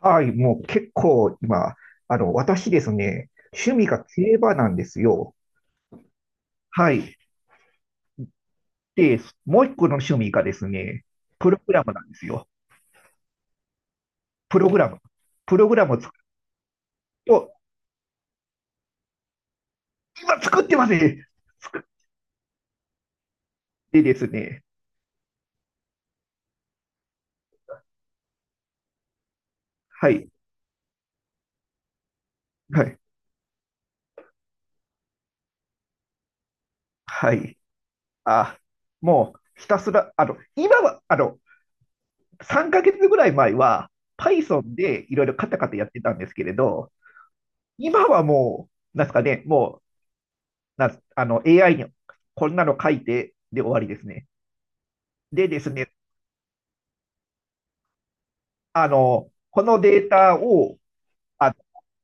はい、もう結構今、私ですね、趣味が競馬なんですよ。はい。で、もう一個の趣味がですね、プログラムなんですよ。プログラム。プログラムを作ると、今作ってますね。でですね、はい、はい、はい。あ、もうひたすら、今は3ヶ月ぐらい前は、Python でいろいろカタカタやってたんですけれど、今はもう、なんですかね、もな、あの、AI にこんなの書いてで終わりですね。でですね、このデータを、あ、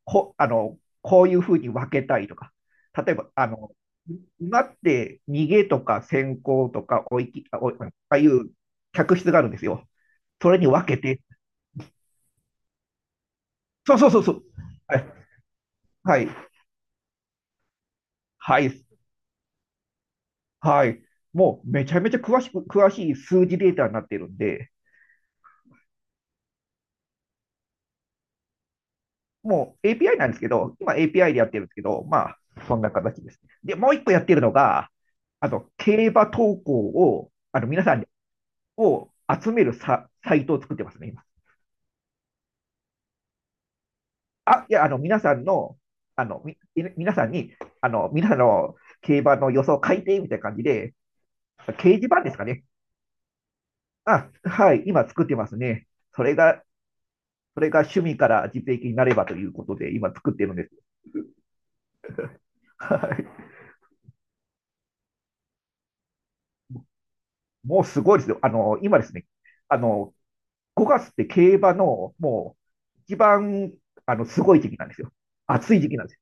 こ、あの、こういうふうに分けたいとか、例えば、今って逃げとか先行とかおいき、あおいああいう客室があるんですよ。それに分けて、そうそうそうそう。はい、はい、はい、はい。もうめちゃめちゃ詳しい数字データになってるんで、もう API なんですけど、今 API でやってるんですけど、まあ、そんな形ですね。で、もう一個やってるのが、競馬投稿を、皆さんを集めるサイトを作ってますね、今。あ、いや、あの、み、皆さんに、皆さんの競馬の予想を書いて、みたいな感じで、掲示板ですかね。あ、はい、今作ってますね。それが、それが趣味から実益になればということで、今作ってるんです。はい。もうすごいですよ。今ですね、あの、5月って競馬のもう一番すごい時期なんですよ。暑い時期なんですよ。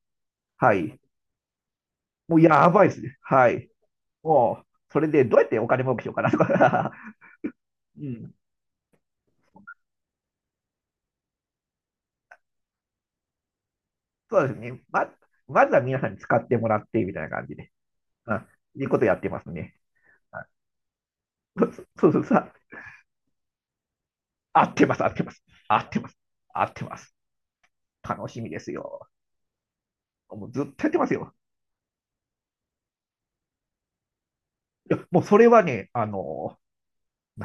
はい。もうやばいですね。はい。もう、それでどうやってお金儲けしようかなとか。うん。そうですね。まずは皆さんに使ってもらってみたいな感じで。うん。いうことやってますね。はい、そうそうそう。合ってます、合ってます。合ってます。合ってます。楽しみですよ。もうずっとやってますよ。いや、もうそれはね、あの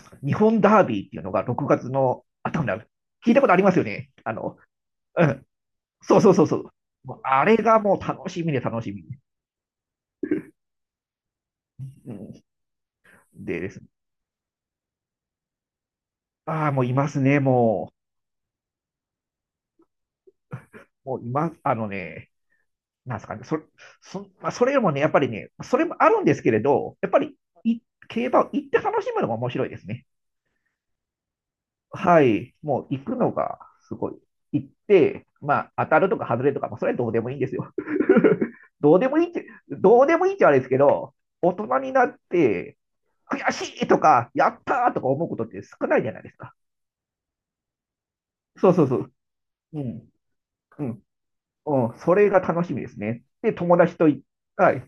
すか日本ダービーっていうのが6月の頭になる。聞いたことありますよね。あの、うん。そうそうそうそう。もうあれがもう楽しみで楽しみ。うん、でですね。ああ、もういますね、もう。もういます、あのね、なんですかね。それ、そ、まあ、それよりもね、やっぱりね、それもあるんですけれど、やっぱりい競馬を行って楽しむのも面白いですね。はい、もう行くのがすごい。行って、まあ、当たるとか外れとか、まあ、それはどうでもいいんですよ。どうでもいいって、どうでもいいってあれですけど、大人になって、悔しいとか、やったーとか思うことって少ないじゃないですか。そうそうそう。うん、うん、うん、それが楽しみですね。で、友達とい、はい。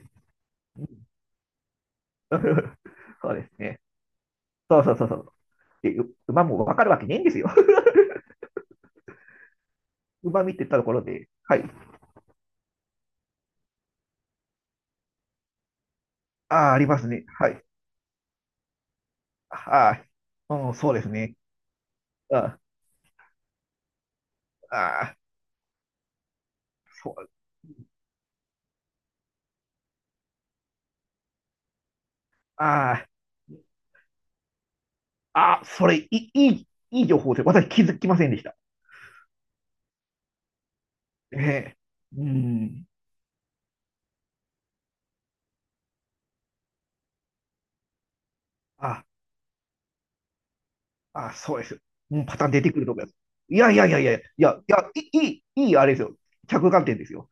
そうですね。そうそうそうそう。で、う馬もわかるわけねえんですよ。馬見てたところで、はい。ああ、ありますね。はい。はい。うん、そうですね。あああ、そう、あああ、それ、いい、いい、いい情報です。私気づきませんでした。ええ、うん。あ、あ、そうです。うん、パターン出てくると思います。いいあれですよ。着眼点ですよ。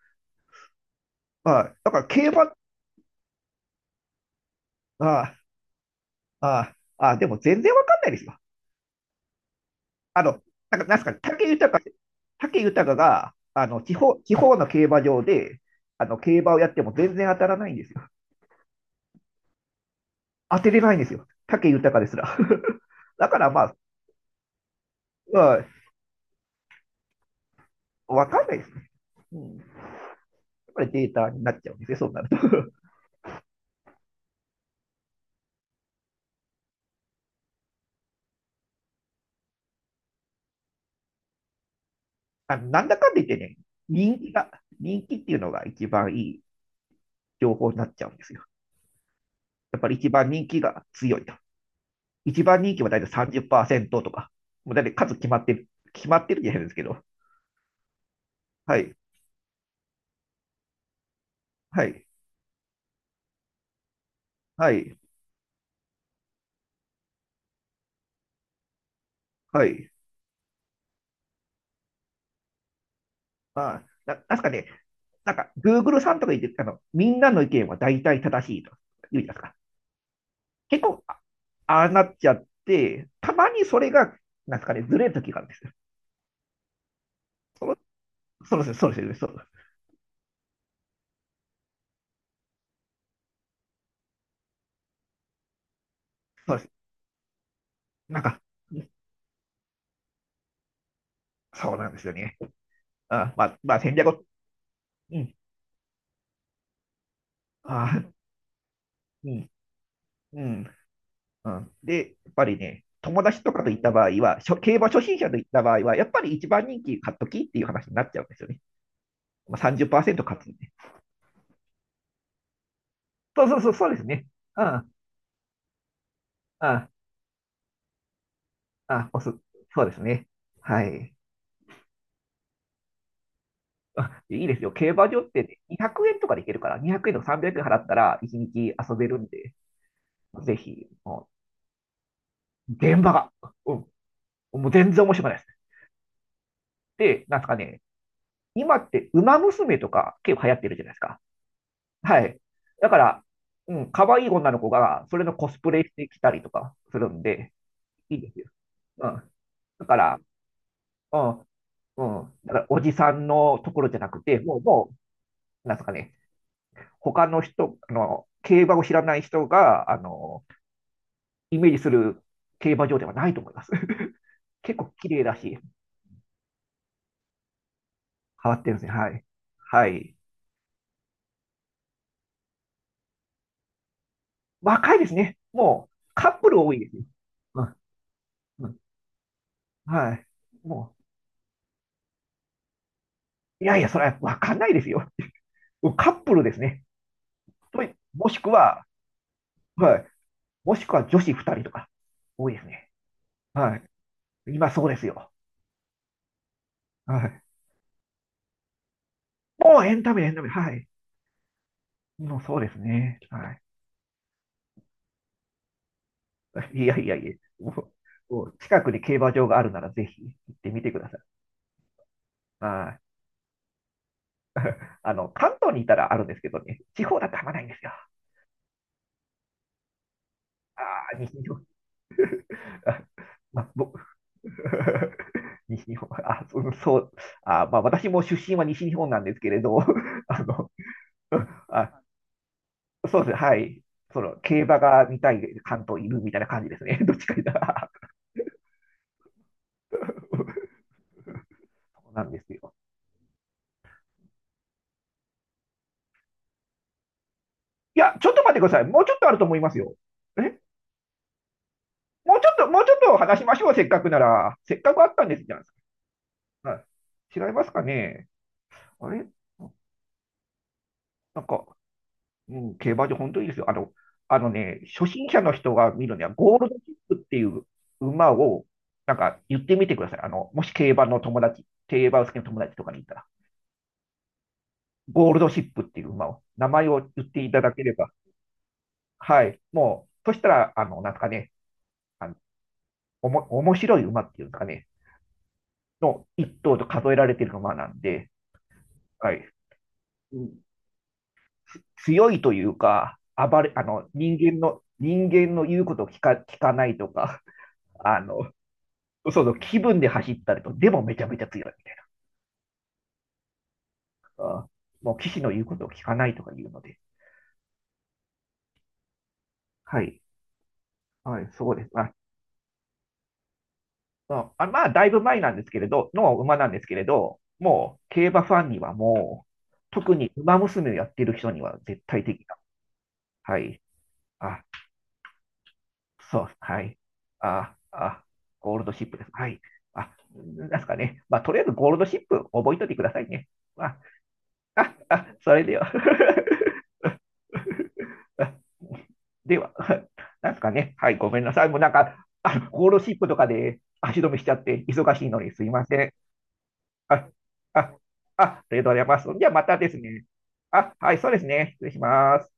はい。だから競馬、ああ、ああ、あでも全然わかんないですよ。あの、なんか、なんすかね、武豊、武豊が、あの、地方の競馬場で、あの、競馬をやっても全然当たらないんですよ。当てれないんですよ。武豊ですら。だからまあ、うん、わかんないですね。うん。やっぱりデータになっちゃうんですね、そうなると。 あの、なんだかんだ言ってね、人気が、人気っていうのが一番いい情報になっちゃうんですよ。やっぱり一番人気が強いと。一番人気は大体30%とか、もう大体数決まってる、決まってるじゃないですけど、はい、はい、はい、はい。まあ、なんすかね、なんか、Google さんとか言って、あの、みんなの意見は大体正しいと言うじゃないですか。結構、ああなっちゃって、たまにそれが、なんですかね、ずれる時があるんですよ。そうそうです、そうです、そうです。そうです。なんか、そうなんですよね。まあ、戦略を、うん、あうん、うん、うん。で、やっぱりね、友達とかと行った場合は、しょ競馬初心者と行った場合は、やっぱり一番人気買っときっていう話になっちゃうんですよね。まあ、30%勝つんで。そうそうそう、そうですね。うん、うん、うん、おす。そうですね。はい。あ、いいですよ。競馬場ってね200円とかで行けるから、200円とか300円払ったら1日遊べるんで、ぜひ、現場が、うん、もう全然面白くないです。で、なんですかね、今って馬娘とか結構流行ってるじゃないですか。はい。だから、うん、可愛い女の子がそれのコスプレしてきたりとかするんで、いいですよ。うん。だから、うん、うん。だから、おじさんのところじゃなくて、もう、もう、なんですかね、他の人、あの、競馬を知らない人が、あの、イメージする競馬場ではないと思います。結構綺麗だし、変わってるんですね。はい。はい。若いですね。もう、カップル多いですね。うん、うん。はい。もう、いやいや、それはわかんないですよ。もうカップルですね。といもしくは、はい。もしくは女子2人とか、多いですね。はい。今そうですよ。はい。もうエンタメ、エンタメ。はい。もうそうですね。はい。いやいやいや、ももう近くに競馬場があるならぜひ行ってみてください。はい。あの、関東にいたらあるんですけどね、地方だとあんまないんですよ。あ、西日本。あ僕 西日本。私も出身は西日本なんですけれど、あの、あ、そうですね、はい。その、競馬が見たい関東いるみたいな感じですね。どっちか言ったら。そうなんですよ。いや、ちょっと待ってください。もうちょっとあると思いますよ。えもうちょっと、もうちょっと話しましょう。せっかくなら。せっかくあったんですじゃないですか。はい、違いますかね。あれなんか、うん、競馬場本当にいいですよ。あの、あのね、初心者の人が見るには、ゴールドチップっていう馬を、なんか言ってみてください。あの、もし競馬の友達、競馬好きの友達とかにいたら、ゴールドシップっていう馬を、名前を言っていただければ、はい、もう、そしたら、あの、なんですかね、あの、面白い馬っていうんですかね、の一頭と数えられてる馬なんで、はい、うん、強いというか、暴れ、あの、人間の、人間の言うことを聞かないとか、あの、そうそう、気分で走ったりと、でもめちゃめちゃ強いみたいな。あー、もう騎士の言うことを聞かないとか言うので。はい。はい、そうです。ああ、まあ、だいぶ前なんですけれど、の馬なんですけれど、もう、競馬ファンにはもう、特に馬娘をやってる人には絶対的な。はい。あ、そう、はい。あ、あ、ゴールドシップです。はい。あ、なんですかね。まあ、とりあえずゴールドシップ覚えといてくださいね。まあ、それでは。では、なんですかね。はい、ごめんなさい。もうなんか、あ、ゴールドシップとかで足止めしちゃって、忙しいのにすいません。あ、あ、ありがとうございます。じゃあ、またですね。あ、はい、そうですね。失礼します。